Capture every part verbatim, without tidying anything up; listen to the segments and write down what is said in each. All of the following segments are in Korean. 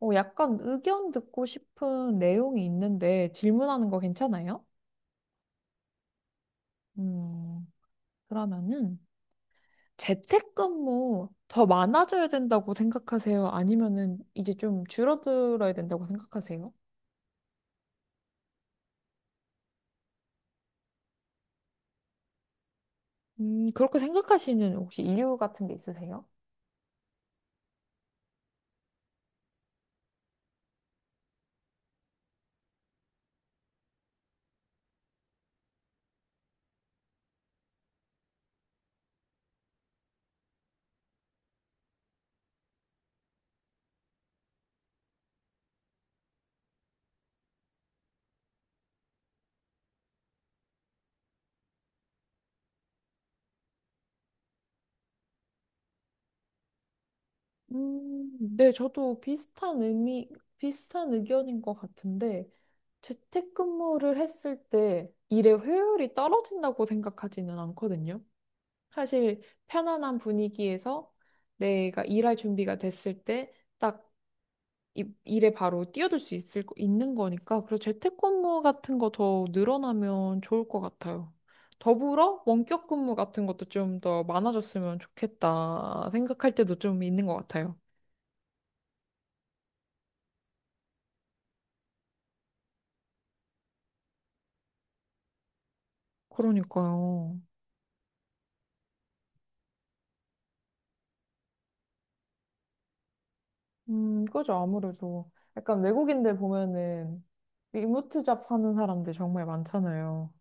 어, 약간 의견 듣고 싶은 내용이 있는데 질문하는 거 괜찮아요? 음, 그러면은 재택근무 더 많아져야 된다고 생각하세요? 아니면은 이제 좀 줄어들어야 된다고 생각하세요? 음, 그렇게 생각하시는 혹시 이유 같은 게 있으세요? 음, 네, 저도 비슷한 의미, 비슷한 의견인 것 같은데 재택근무를 했을 때 일의 효율이 떨어진다고 생각하지는 않거든요. 사실 편안한 분위기에서 내가 일할 준비가 됐을 때 딱 일에 바로 뛰어들 수 있을 거- 있는 거니까 그래서 재택근무 같은 거 더 늘어나면 좋을 것 같아요. 더불어 원격 근무 같은 것도 좀 더 많아졌으면 좋겠다 생각할 때도 좀 있는 것 같아요. 그러니까요. 음, 그죠. 아무래도 약간 외국인들 보면은 리모트 잡 하는 사람들 정말 많잖아요.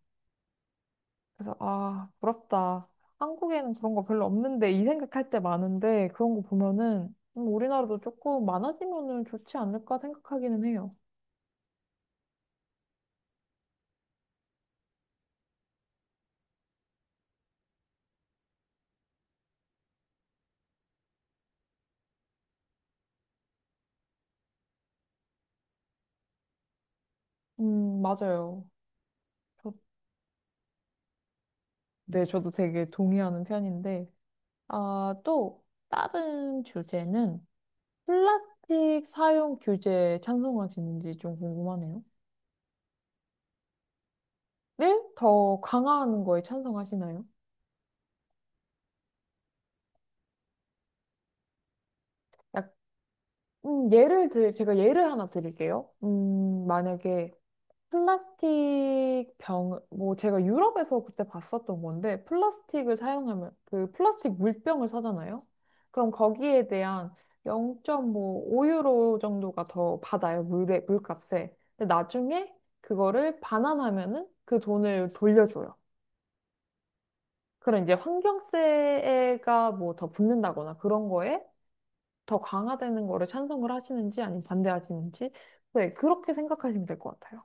그래서 아, 부럽다. 한국에는 그런 거 별로 없는데 이 생각할 때 많은데 그런 거 보면은 음, 우리나라도 조금 많아지면은 좋지 않을까 생각하기는 해요. 음, 맞아요. 저, 네, 저도 되게 동의하는 편인데 아, 또 다른 주제는 플라스틱 사용 규제 찬성하시는지 좀 궁금하네요. 네? 더 강화하는 거에 찬성하시나요? 약- 음, 예를 들, 제가 예를 하나 드릴게요. 음, 만약에 플라스틱 병, 뭐 제가 유럽에서 그때 봤었던 건데, 플라스틱을 사용하면, 그 플라스틱 물병을 사잖아요? 그럼 거기에 대한 영 점 오 유로 정도가 더 받아요, 물에, 물값에. 근데 나중에 그거를 반환하면은 그 돈을 돌려줘요. 그런 이제 환경세가 뭐 더 붙는다거나 그런 거에 더 강화되는 거를 찬성을 하시는지 아니면 반대하시는지. 네, 그렇게 생각하시면 될 것 같아요.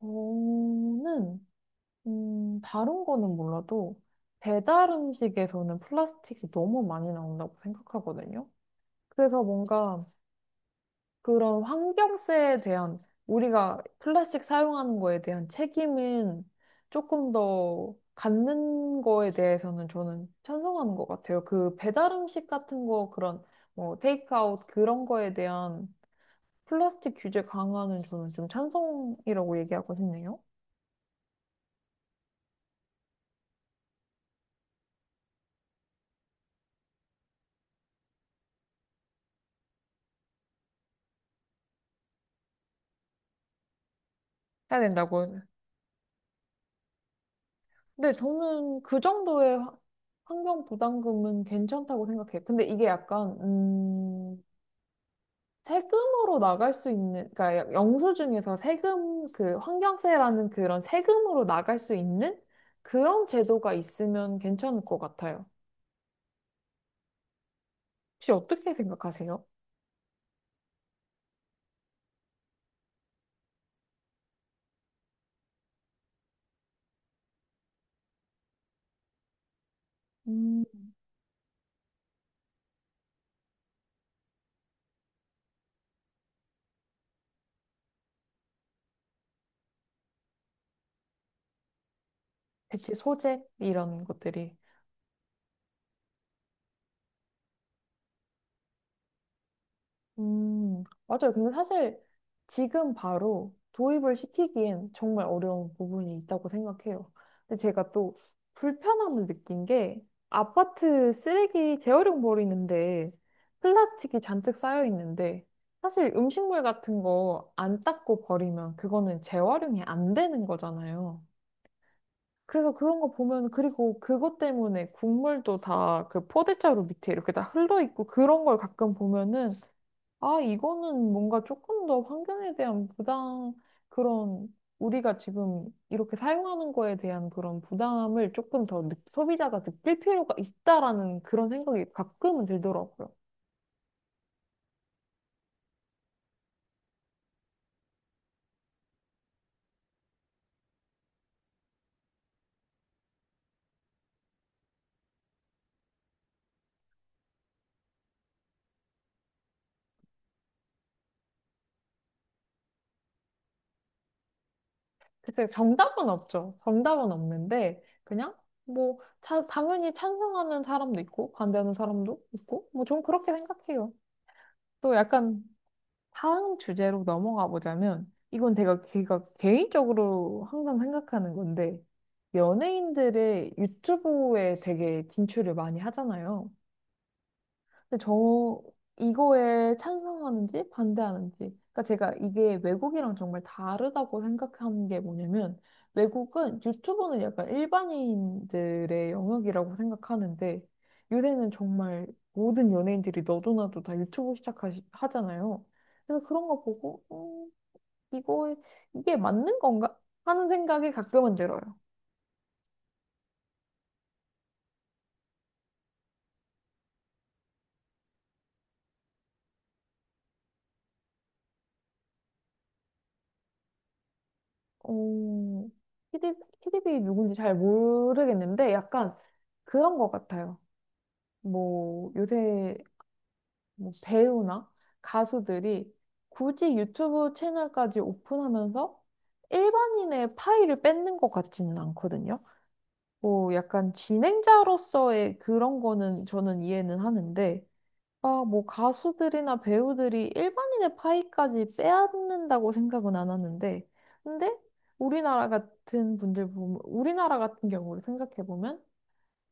저는 음, 다른 거는 몰라도 배달 음식에서는 플라스틱이 너무 많이 나온다고 생각하거든요. 그래서 뭔가 그런 환경세에 대한 우리가 플라스틱 사용하는 거에 대한 책임은 조금 더 갖는 거에 대해서는 저는 찬성하는 것 같아요. 그 배달 음식 같은 거 그런 뭐 테이크아웃 그런 거에 대한 플라스틱 규제 강화는 저는 지금 찬성이라고 얘기하고 싶네요. 해야 된다고. 근데 저는 그 정도의 화- 환경 부담금은 괜찮다고 생각해요. 근데 이게 약간, 음, 세금으로 나갈 수 있는, 그러니까 영수증에서 세금, 그 환경세라는 그런 세금으로 나갈 수 있는 그런 제도가 있으면 괜찮을 것 같아요. 혹시 어떻게 생각하세요? 음, 대체 소재? 이런 것들이. 음, 맞아요. 근데 사실 지금 바로 도입을 시키기엔 정말 어려운 부분이 있다고 생각해요. 근데 제가 또 불편함을 느낀 게 아파트 쓰레기 재활용 버리는데 플라스틱이 잔뜩 쌓여 있는데 사실 음식물 같은 거 안 닦고 버리면 그거는 재활용이 안 되는 거잖아요. 그래서 그런 거 보면 그리고 그것 때문에 국물도 다 그 포대자루 밑에 이렇게 다 흘러 있고 그런 걸 가끔 보면은 아, 이거는 뭔가 조금 더 환경에 대한 부담, 그런, 우리가 지금 이렇게 사용하는 거에 대한 그런 부담을 조금 더 느- 소비자가 느낄 필요가 있다라는 그런 생각이 가끔은 들더라고요. 글쎄, 정답은 없죠. 정답은 없는데, 그냥, 뭐, 자- 당연히 찬성하는 사람도 있고, 반대하는 사람도 있고, 뭐, 전 그렇게 생각해요. 또 약간 다음 주제로 넘어가 보자면, 이건 제가, 제가 개인적으로 항상 생각하는 건데, 연예인들의 유튜브에 되게 진출을 많이 하잖아요. 근데 저 이거에 찬성하는지 반대하는지. 그러니까 제가 이게 외국이랑 정말 다르다고 생각한 게 뭐냐면 외국은 유튜브는 약간 일반인들의 영역이라고 생각하는데 요새는 정말 모든 연예인들이 너도나도 다 유튜브 시작하잖아요. 그래서 그런 거 보고 음, 이거 이게 맞는 건가 하는 생각이 가끔은 들어요. 어, 키디, 키디비 누군지 잘 모르겠는데 약간 그런 것 같아요. 뭐 요새 뭐 배우나 가수들이 굳이 유튜브 채널까지 오픈하면서 일반인의 파일을 뺏는 것 같지는 않거든요. 뭐 약간 진행자로서의 그런 거는 저는 이해는 하는데 아, 뭐 가수들이나 배우들이 일반인의 파일까지 빼앗는다고 생각은 안 하는데 근데 우리나라 같은 분들 보면 우리나라 같은 경우를 생각해 보면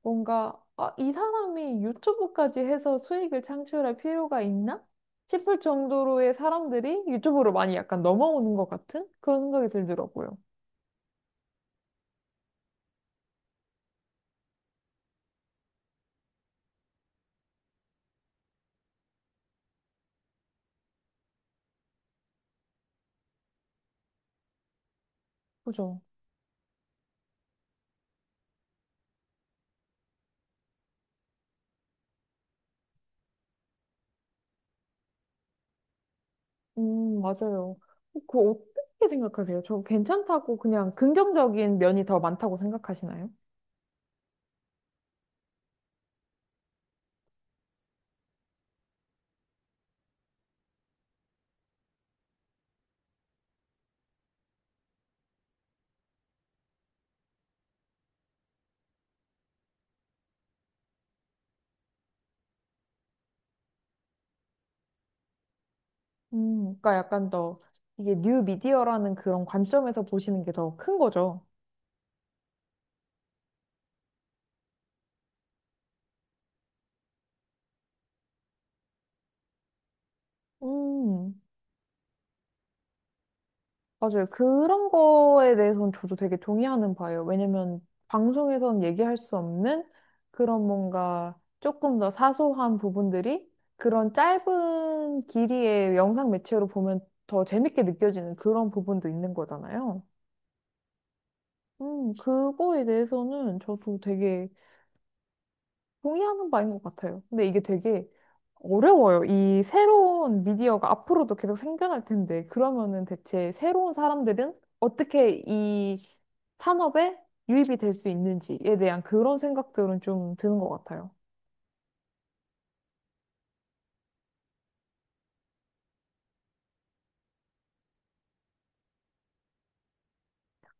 뭔가 아, 이 사람이 유튜브까지 해서 수익을 창출할 필요가 있나? 싶을 정도로의 사람들이 유튜브로 많이 약간 넘어오는 것 같은 그런 생각이 들더라고요. 그죠? 음, 맞아요. 그거 어떻게 생각하세요? 저 괜찮다고 그냥 긍정적인 면이 더 많다고 생각하시나요? 음, 그러니까 약간 더 이게 뉴 미디어라는 그런 관점에서 보시는 게 더 큰 거죠. 음. 맞아요. 그런 거에 대해서는 저도 되게 동의하는 바예요. 왜냐면 방송에선 얘기할 수 없는 그런 뭔가 조금 더 사소한 부분들이 그런 짧은 길이의 영상 매체로 보면 더 재밌게 느껴지는 그런 부분도 있는 거잖아요. 음, 그거에 대해서는 저도 되게 동의하는 바인 것 같아요. 근데 이게 되게 어려워요. 이 새로운 미디어가 앞으로도 계속 생겨날 텐데, 그러면은 대체 새로운 사람들은 어떻게 이 산업에 유입이 될 수 있는지에 대한 그런 생각들은 좀 드는 것 같아요.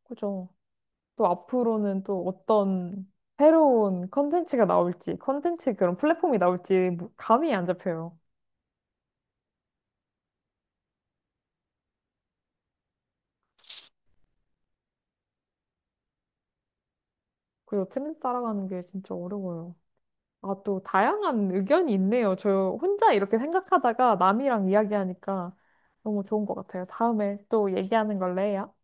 그죠? 또 앞으로는 또 어떤 새로운 컨텐츠가 나올지, 컨텐츠 그런 플랫폼이 나올지 감이 안 잡혀요. 그리고 트렌드 따라가는 게 진짜 어려워요. 아, 또 다양한 의견이 있네요. 저 혼자 이렇게 생각하다가 남이랑 이야기하니까 너무 좋은 것 같아요. 다음에 또 얘기하는 걸로 해요.